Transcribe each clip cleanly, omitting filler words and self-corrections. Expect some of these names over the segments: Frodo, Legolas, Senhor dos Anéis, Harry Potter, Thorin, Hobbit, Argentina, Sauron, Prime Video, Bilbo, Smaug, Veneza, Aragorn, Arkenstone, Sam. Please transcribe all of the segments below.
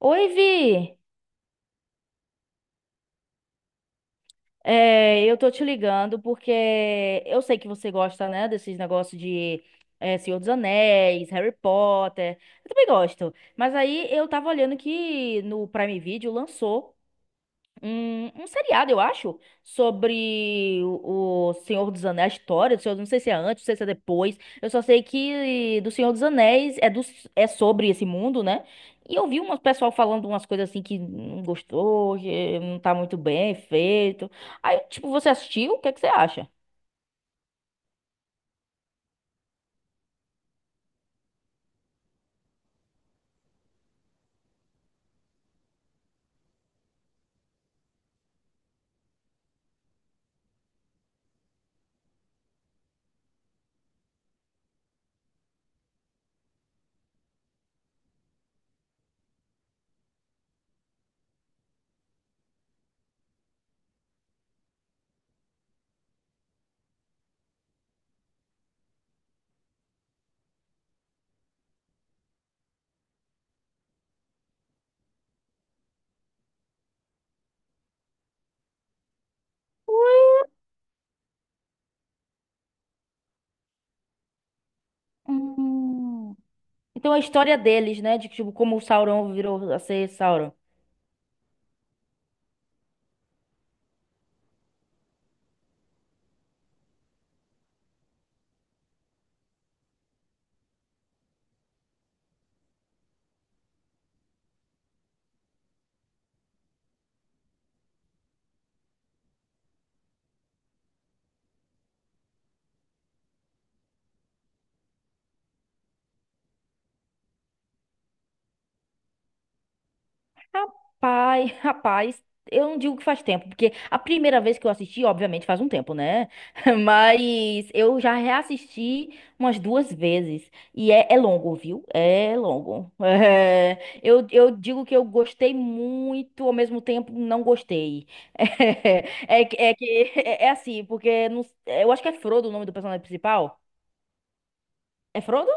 Oi, Vi! Eu tô te ligando porque eu sei que você gosta, né, desses negócios de Senhor dos Anéis, Harry Potter. Eu também gosto. Mas aí eu tava olhando que no Prime Video lançou um seriado, eu acho, sobre o Senhor dos Anéis, a história do Senhor, não sei se é antes, não sei se é depois. Eu só sei que do Senhor dos Anéis é sobre esse mundo, né? E eu vi um pessoal falando umas coisas assim que não gostou, que não tá muito bem feito. Aí, tipo, você assistiu? O que é que você acha? Hum. Então a história deles, né? De tipo, como o Sauron virou a ser Sauron. Rapaz, rapaz, eu não digo que faz tempo, porque a primeira vez que eu assisti, obviamente, faz um tempo, né? Mas eu já reassisti umas duas vezes. E é longo, viu? É longo. É, eu digo que eu gostei muito, ao mesmo tempo não gostei. É, é, que é, que- é assim, porque eu acho que é Frodo o nome do personagem principal. É Frodo?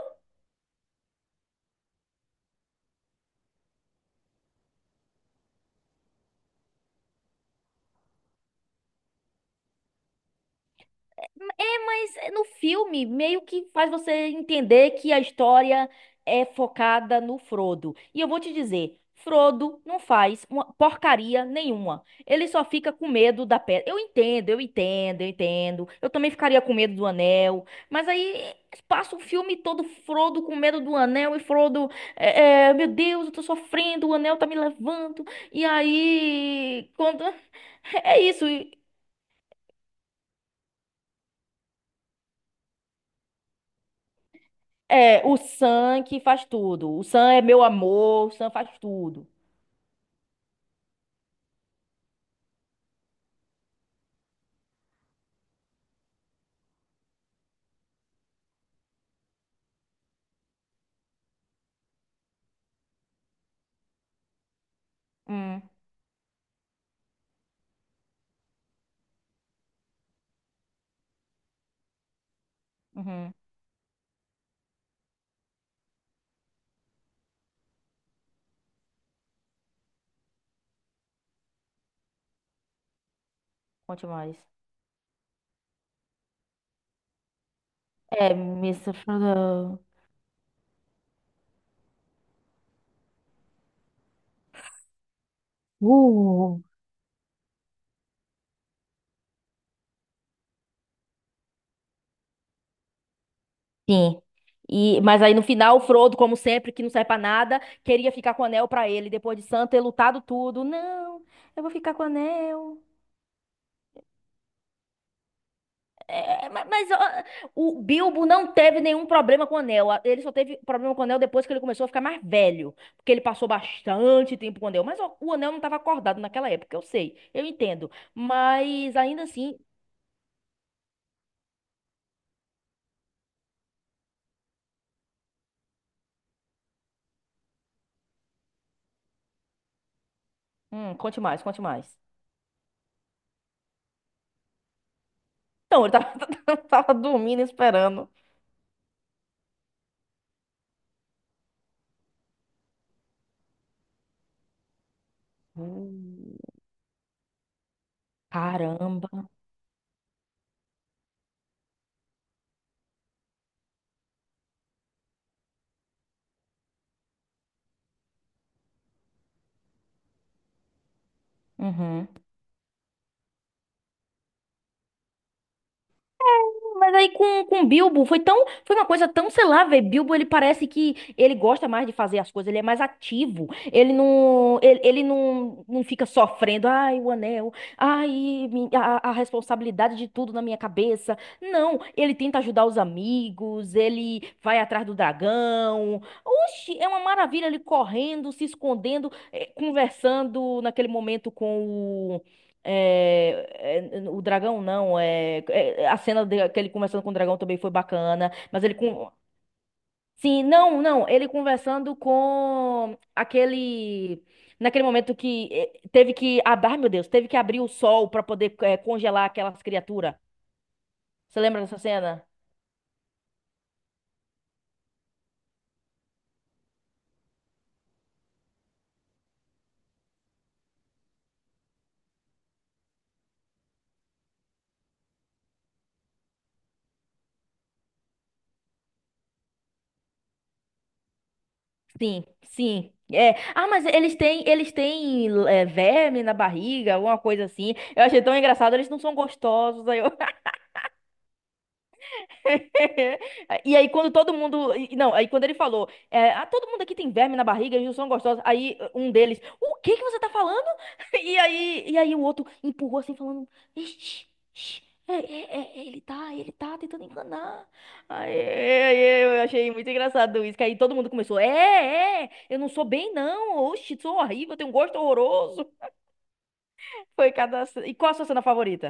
Mas no filme, meio que faz você entender que a história é focada no Frodo. E eu vou te dizer, Frodo não faz uma porcaria nenhuma. Ele só fica com medo da pedra. Eu entendo, eu entendo, eu entendo. Eu também ficaria com medo do anel. Mas aí passa o filme todo Frodo com medo do anel e Frodo, meu Deus, eu tô sofrendo, o anel tá me levando. E aí, quando. É isso. O Sam que faz tudo. O Sam é meu amor, o Sam faz tudo. Hum, uhum. Conte mais. É, Miss Frodo. Uh, sim. Mas aí no final, o Frodo, como sempre, que não serve pra nada, queria ficar com o anel pra ele, depois de Sam ter lutado tudo. Não, eu vou ficar com o anel. Mas, ó, o Bilbo não teve nenhum problema com o anel. Ele só teve problema com o anel depois que ele começou a ficar mais velho. Porque ele passou bastante tempo com o anel. Mas ó, o anel não estava acordado naquela época, eu sei, eu entendo. Mas ainda assim. Conte mais, conte mais. Então, ele tava, tava dormindo, esperando. Uh, Caramba. Uhum. Mas aí com, Bilbo foi tão, foi uma coisa tão, sei lá, velho. Bilbo ele parece que ele gosta mais de fazer as coisas, ele é mais ativo. Ele não fica sofrendo, ai, o anel, ai, a responsabilidade de tudo na minha cabeça. Não, ele tenta ajudar os amigos, ele vai atrás do dragão. Oxi, é uma maravilha ele correndo, se escondendo, conversando naquele momento com o dragão não, a cena dele que ele conversando com o dragão também foi bacana, mas ele com. Sim, não, não, ele conversando com aquele naquele momento que teve que, ai meu Deus, teve que abrir o sol pra poder congelar aquelas criaturas. Você lembra dessa cena? Sim, sim. É. Ah, mas eles têm verme na barriga, alguma coisa assim. Eu achei tão engraçado, eles não são gostosos. Aí E aí, quando todo mundo. Não, aí quando ele falou, ah, todo mundo aqui tem verme na barriga, eles não são gostosos. Aí um deles, o que que você tá falando? E aí o outro empurrou assim, falando, "Ixi, ixi, ele tá tentando enganar. Aí, eu achei muito engraçado isso, que aí todo mundo começou, eu não sou bem não, oxi, sou horrível, eu tenho um gosto horroroso. Foi cada. E qual a sua cena favorita?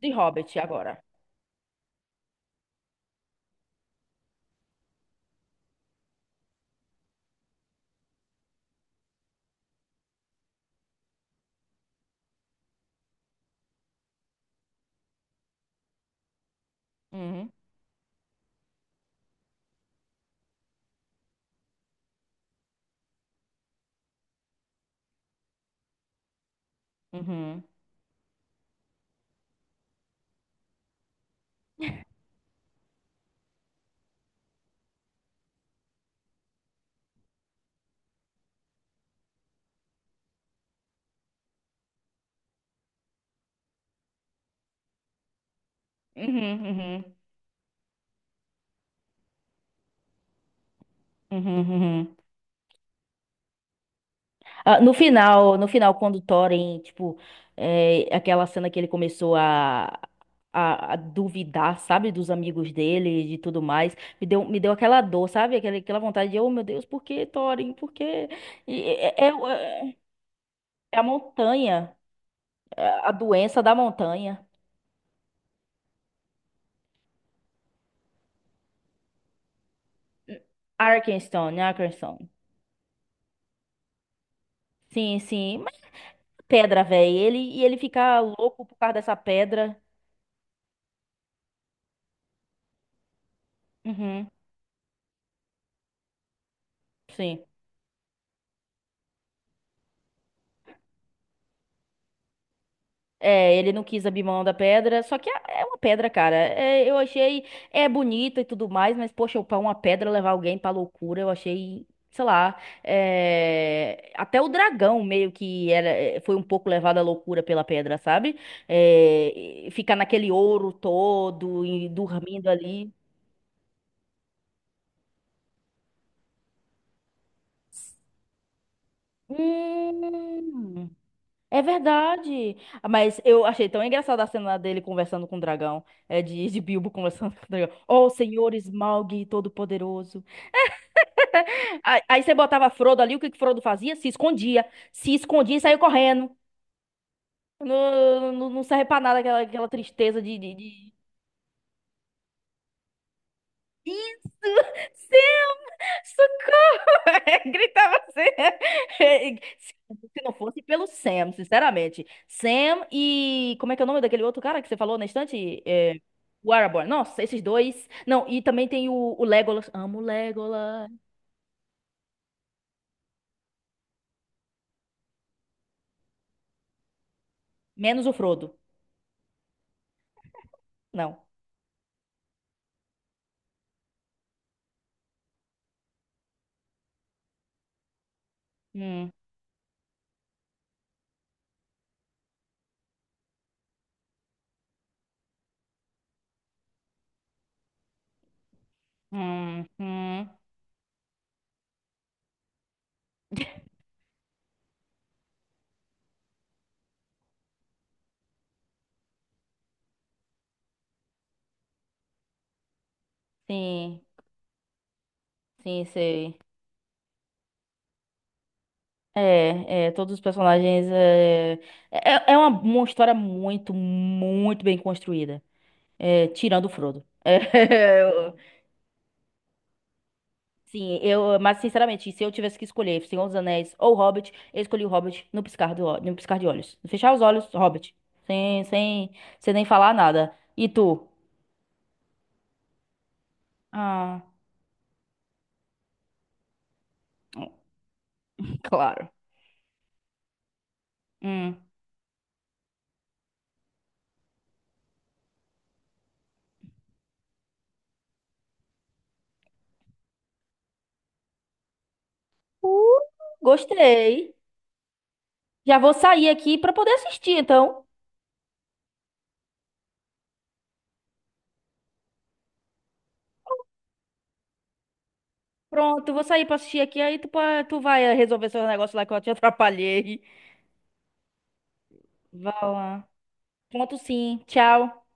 De Hobbit agora. Uhum, uhum. Uhum, uhum. Uhum, uhum. Uhum. Ah, no final, no final, quando o Thorin, tipo, aquela cena que ele começou a duvidar, sabe, dos amigos dele e de tudo mais, me deu aquela dor, sabe, aquela vontade de, oh meu Deus, por que, Thorin, por que? É, é, é- é a montanha, é a doença da montanha. Arkenstone, Arkenstone. Sim, sim, mas pedra, velho, ele fica louco por causa dessa pedra. Uhum, sim. É, ele não quis abrir mão da pedra, só que é uma pedra, cara. É, eu achei, é bonita e tudo mais, mas poxa, pra uma pedra levar alguém pra loucura, eu achei, sei lá, até o dragão meio que era, foi um pouco levado à loucura pela pedra, sabe? É, e ficar naquele ouro todo e dormindo ali. Hum. É verdade. Ah, mas eu achei tão engraçada a cena dele conversando com o dragão. É de Bilbo conversando com o dragão. Oh, senhor Smaug Todo-Poderoso. Aí, você botava Frodo ali, o que que Frodo fazia? Se escondia. Se escondia e saiu correndo. Não, não, não serve pra nada aquela tristeza. Isso! Sim, gritava assim. Se se não fosse pelo Sam, sinceramente. Sam e. Como é que é o nome daquele outro cara que você falou na estante? É... O Aragorn. Nossa, esses dois. Não, e também tem o Legolas. Amo o Legolas. Menos o Frodo. Não. Hum, hum, hum. Sim, sim, sei. Todos os personagens. É uma história muito, muito bem construída. É, tirando o Frodo. Sim, mas sinceramente, se eu tivesse que escolher Senhor dos Anéis ou Hobbit, eu escolhi o Hobbit no piscar no piscar de olhos. Fechar os olhos, Hobbit. Sem, sem, sem nem falar nada. E tu? Ah, claro. Hum. Uh, gostei. Já vou sair aqui pra poder assistir, então. Pronto, eu vou sair pra assistir aqui, aí tu vai resolver seu negócio lá que eu te atrapalhei. Vai lá. Pronto, sim. Tchau.